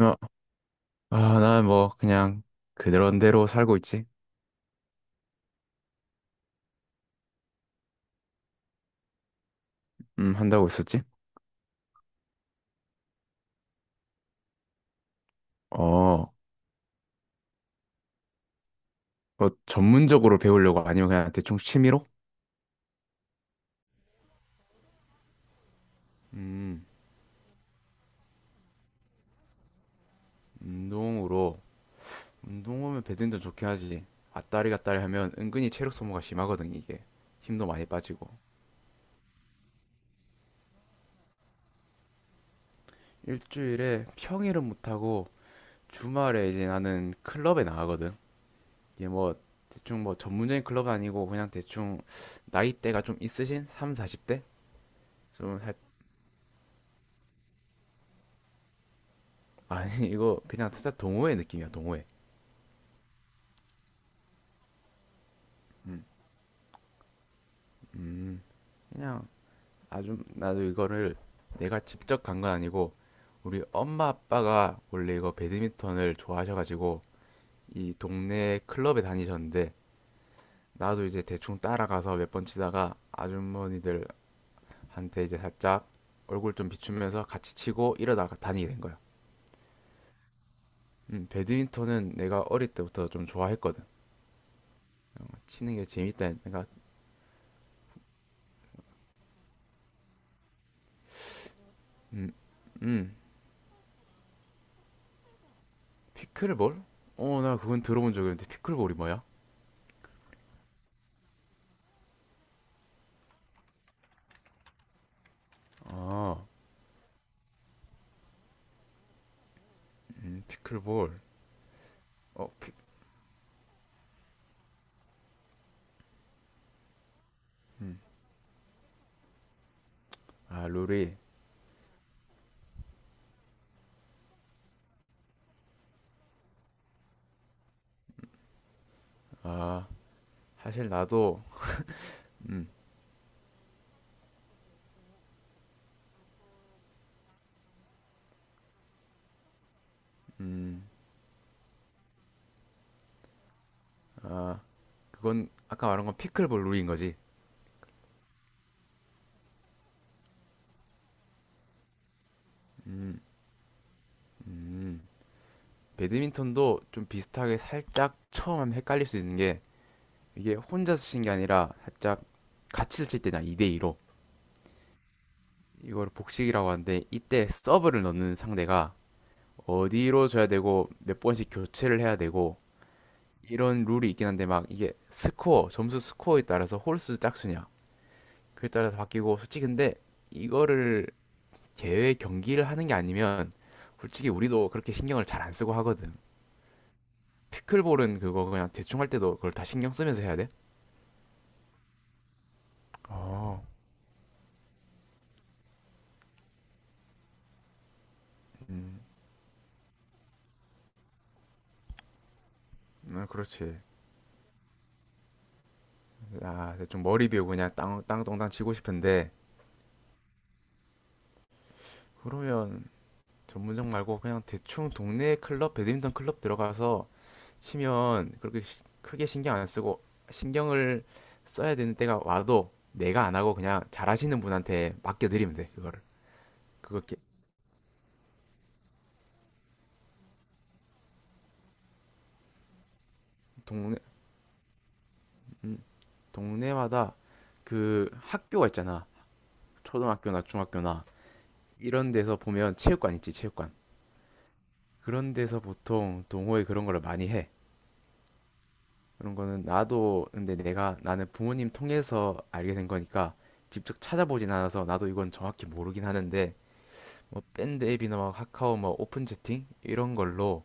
어, 아, 난 뭐, 그냥, 그런대로 살고 있지? 한다고 했었지? 어, 뭐, 전문적으로 배우려고 아니면 그냥 대충 취미로? 음, 운동으로. 운동하면 배드민턴 좋긴 하지. 아따리 갔다리 하면 은근히 체력 소모가 심하거든, 이게. 힘도 많이 빠지고. 일주일에 평일은 못하고, 주말에 이제 나는 클럽에 나가거든. 이게 뭐, 대충 뭐, 전문적인 클럽 아니고, 그냥 대충, 나이대가 좀 있으신? 3, 40대? 좀, 아니, 이거 그냥 진짜 동호회 느낌이야, 동호회. 그냥 아주 나도 이거를, 내가 직접 간 건 아니고 우리 엄마 아빠가 원래 이거 배드민턴을 좋아하셔가지고 이 동네 클럽에 다니셨는데, 나도 이제 대충 따라가서 몇 번 치다가 아주머니들한테 이제 살짝 얼굴 좀 비추면서 같이 치고 이러다가 다니게 된 거야. 음, 배드민턴은 내가 어릴 때부터 좀 좋아했거든. 치는 게 재밌다, 내가. 음. 음, 피클볼? 어, 나 그건 들어본 적이 있는데, 피클볼이 뭐야? 아, 피클볼. 어, 피, 음. 아, 룰이. 아, 사실 나도, 음, 음, 그건 아까 말한 건 피클볼 룰인 거지. 음, 음. 배드민턴도 좀 비슷하게 살짝 처음 하면 헷갈릴 수 있는 게, 이게 혼자서 치는 게 아니라 살짝 같이 칠 때냐 2대2로. 이걸 복식이라고 하는데, 이때 서브를 넣는 상대가 어디로 줘야 되고 몇 번씩 교체를 해야 되고, 이런 룰이 있긴 한데, 막 이게 스코어 점수 스코어에 따라서 홀수 짝수냐, 그에 따라서 바뀌고. 솔직히 근데 이거를 제외 경기를 하는 게 아니면 솔직히 우리도 그렇게 신경을 잘 안 쓰고 하거든. 피클볼은 그거 그냥 대충 할 때도 그걸 다 신경 쓰면서 해야 돼? 어, 음, 아, 그렇지. 아, 대충 머리 비우고 그냥 땅, 땅동땅 치고 싶은데, 그러면 전문점 말고 그냥 대충 동네 클럽, 배드민턴 클럽 들어가서 치면 그렇게 크게 신경 안 쓰고, 신경을 써야 되는 때가 와도 내가 안 하고 그냥 잘하시는 분한테 맡겨드리면 돼, 그거를. 그거 게- 동네, 음, 동네마다 그 학교가 있잖아, 초등학교나 중학교나. 이런 데서 보면 체육관 있지, 체육관. 그런 데서 보통 동호회 그런 거를 많이 해. 그런 거는 나도, 근데 내가, 나는 부모님 통해서 알게 된 거니까 직접 찾아보진 않아서 나도 이건 정확히 모르긴 하는데, 뭐 밴드 앱이나 막 카카오 뭐 오픈 채팅 이런 걸로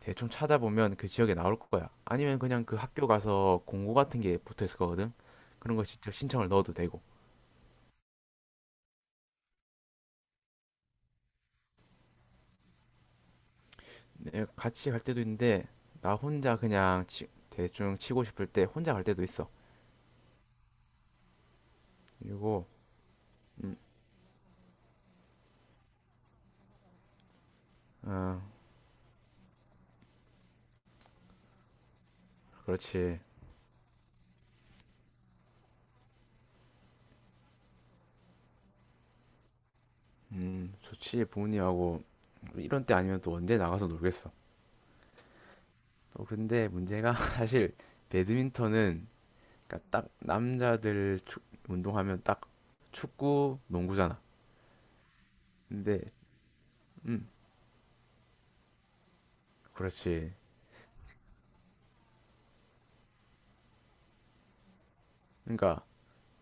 대충 찾아보면 그 지역에 나올 거야. 아니면 그냥 그 학교 가서 공고 같은 게 붙어 있을 거거든. 그런 거 직접 신청을 넣어도 되고. 내가 같이 갈 때도 있는데 나 혼자 그냥 대충 치고 싶을 때 혼자 갈 때도 있어. 그리고 음, 어, 그렇지. 좋지. 부모님하고 이런 때 아니면 또 언제 나가서 놀겠어. 또 근데 문제가 사실 배드민턴은, 그러니까 딱 남자들 운동하면 딱 축구, 농구잖아. 근데 음 그렇지. 그러니까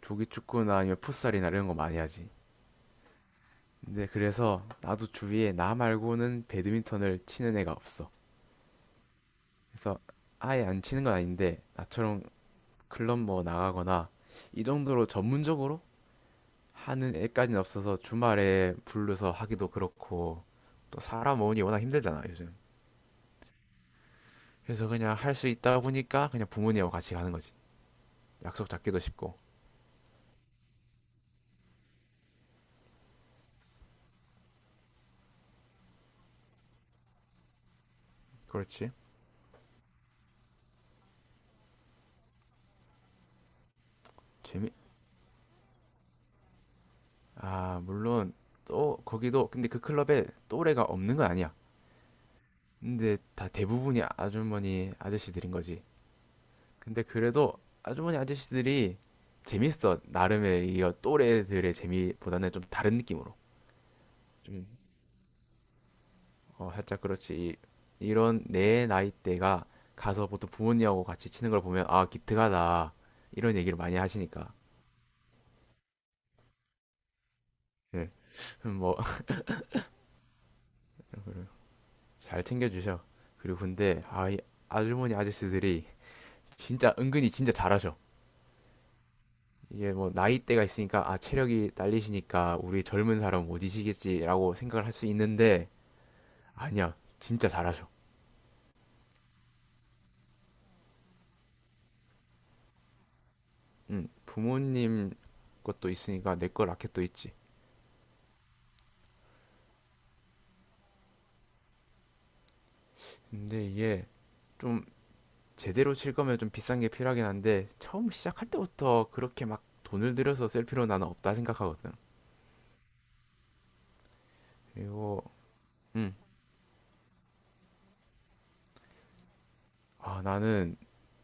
조기 축구나 아니면 풋살이나 이런 거 많이 하지. 근데 그래서 나도 주위에 나 말고는 배드민턴을 치는 애가 없어. 그래서 아예 안 치는 건 아닌데 나처럼 클럽 뭐 나가거나 이 정도로 전문적으로 하는 애까지는 없어서 주말에 불러서 하기도 그렇고, 또 사람 모으니 워낙 힘들잖아, 요즘. 그래서 그냥 할 수 있다 보니까 그냥 부모님하고 같이 가는 거지. 약속 잡기도 쉽고. 그렇지. 재미, 아 물론, 또 거기도 근데 그 클럽에 또래가 없는 건 아니야. 근데 다 대부분이 아주머니 아저씨들인 거지. 근데 그래도 아주머니 아저씨들이 재밌어, 나름의. 이 또래들의 재미보다는 좀 다른 느낌으로. 좀 어, 살짝 그렇지. 이- 이런 내 나이대가 가서 보통 부모님하고 같이 치는 걸 보면 아 기특하다 이런 얘기를 많이 하시니까. 예. 뭐 잘 챙겨주셔. 그리고 근데 아, 이 아주머니 아저씨들이 진짜 은근히 진짜 잘하셔. 이게 뭐 나이대가 있으니까 아 체력이 딸리시니까 우리 젊은 사람 못 이시겠지라고 생각을 할 수 있는데, 아니야, 진짜 잘하셔. 응, 부모님 것도 있으니까 내 거 라켓도 있지. 근데 이게 좀 제대로 칠 거면 좀 비싼 게 필요하긴 한데, 처음 시작할 때부터 그렇게 막 돈을 들여서 셀 필요는 나는 없다 생각하거든. 그리고 음, 아, 나는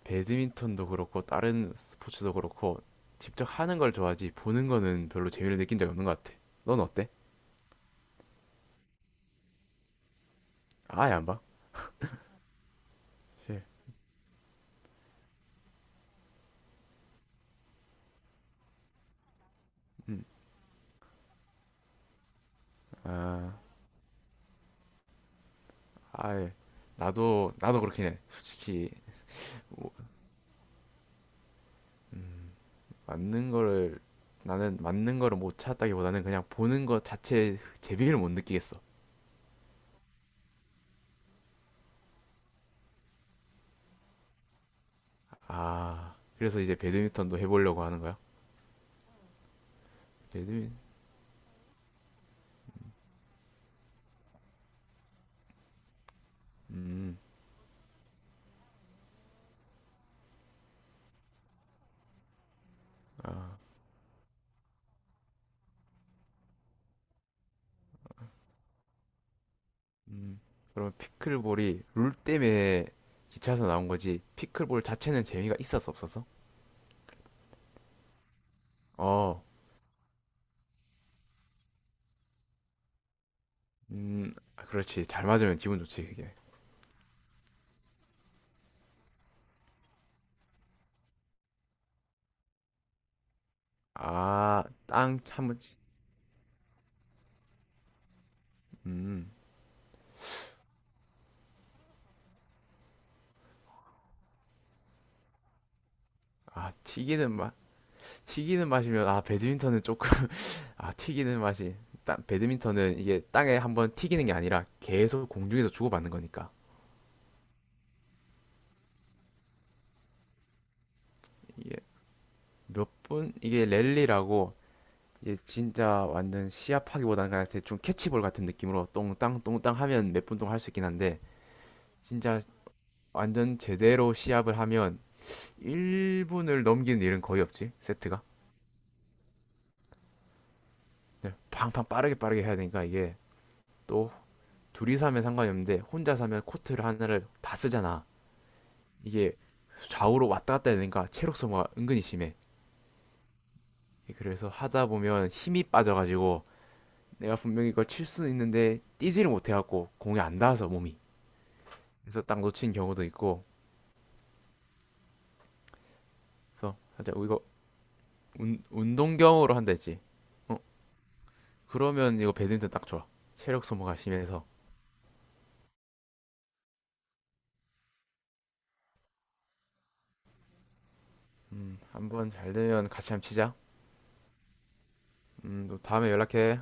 배드민턴도 그렇고 다른 스포츠도 그렇고 직접 하는 걸 좋아하지 보는 거는 별로 재미를 느낀 적이 없는 것 같아. 넌 어때? 아예 안 봐? 실, 음, 아, 아예. 나도 그렇긴 해, 솔직히. 뭐, 맞는 거를, 나는 맞는 거를 못 찾았다기보다는 그냥 보는 것 자체의 재미를 못 느끼겠어. 아, 그래서 이제 배드민턴도 해보려고 하는 거야? 배드민, 음, 아. 음, 그럼 피클볼이 룰 때문에 기차에서 나온 거지. 피클볼 자체는 재미가 있었어, 없었어? 어, 아, 그렇지. 잘 맞으면 기분 좋지, 그게. 아, 땅 참지. 음, 아, 튀기는 맛, 튀기는 맛이면, 아, 배드민턴은 조금, 아, 튀기는 맛이. 땅, 배드민턴은 이게 땅에 한번 튀기는 게 아니라 계속 공중에서 주고받는 거니까. 이게 몇 분, 이게 랠리라고, 얘 진짜 완전 시합하기보다는 그냥 대충 캐치볼 같은 느낌으로 똥땅 똥땅 하면 몇분 동안 할 수 있긴 한데, 진짜 완전 제대로 시합을 하면 1분을 넘기는 일은 거의 없지, 세트가. 네, 팡팡 빠르게 빠르게 해야 되니까. 이게 또 둘이서 하면 상관이 없는데 혼자서 하면 코트를 하나를 다 쓰잖아. 이게 좌우로 왔다 갔다 해야 되니까 체력 소모가 은근히 심해. 그래서 하다 보면 힘이 빠져가지고 내가 분명히 이걸 칠 수는 있는데 뛰지를 못해갖고 공이 안 닿아서 몸이, 그래서 딱 놓친 경우도 있고. 그래서 살짝 어, 이거 운, 운동경으로 한다 했지. 어, 그러면 이거 배드민턴 딱 좋아, 체력 소모가 심해서. 음, 한번 잘 되면 같이 한번 치자. 음또 다음에 연락해.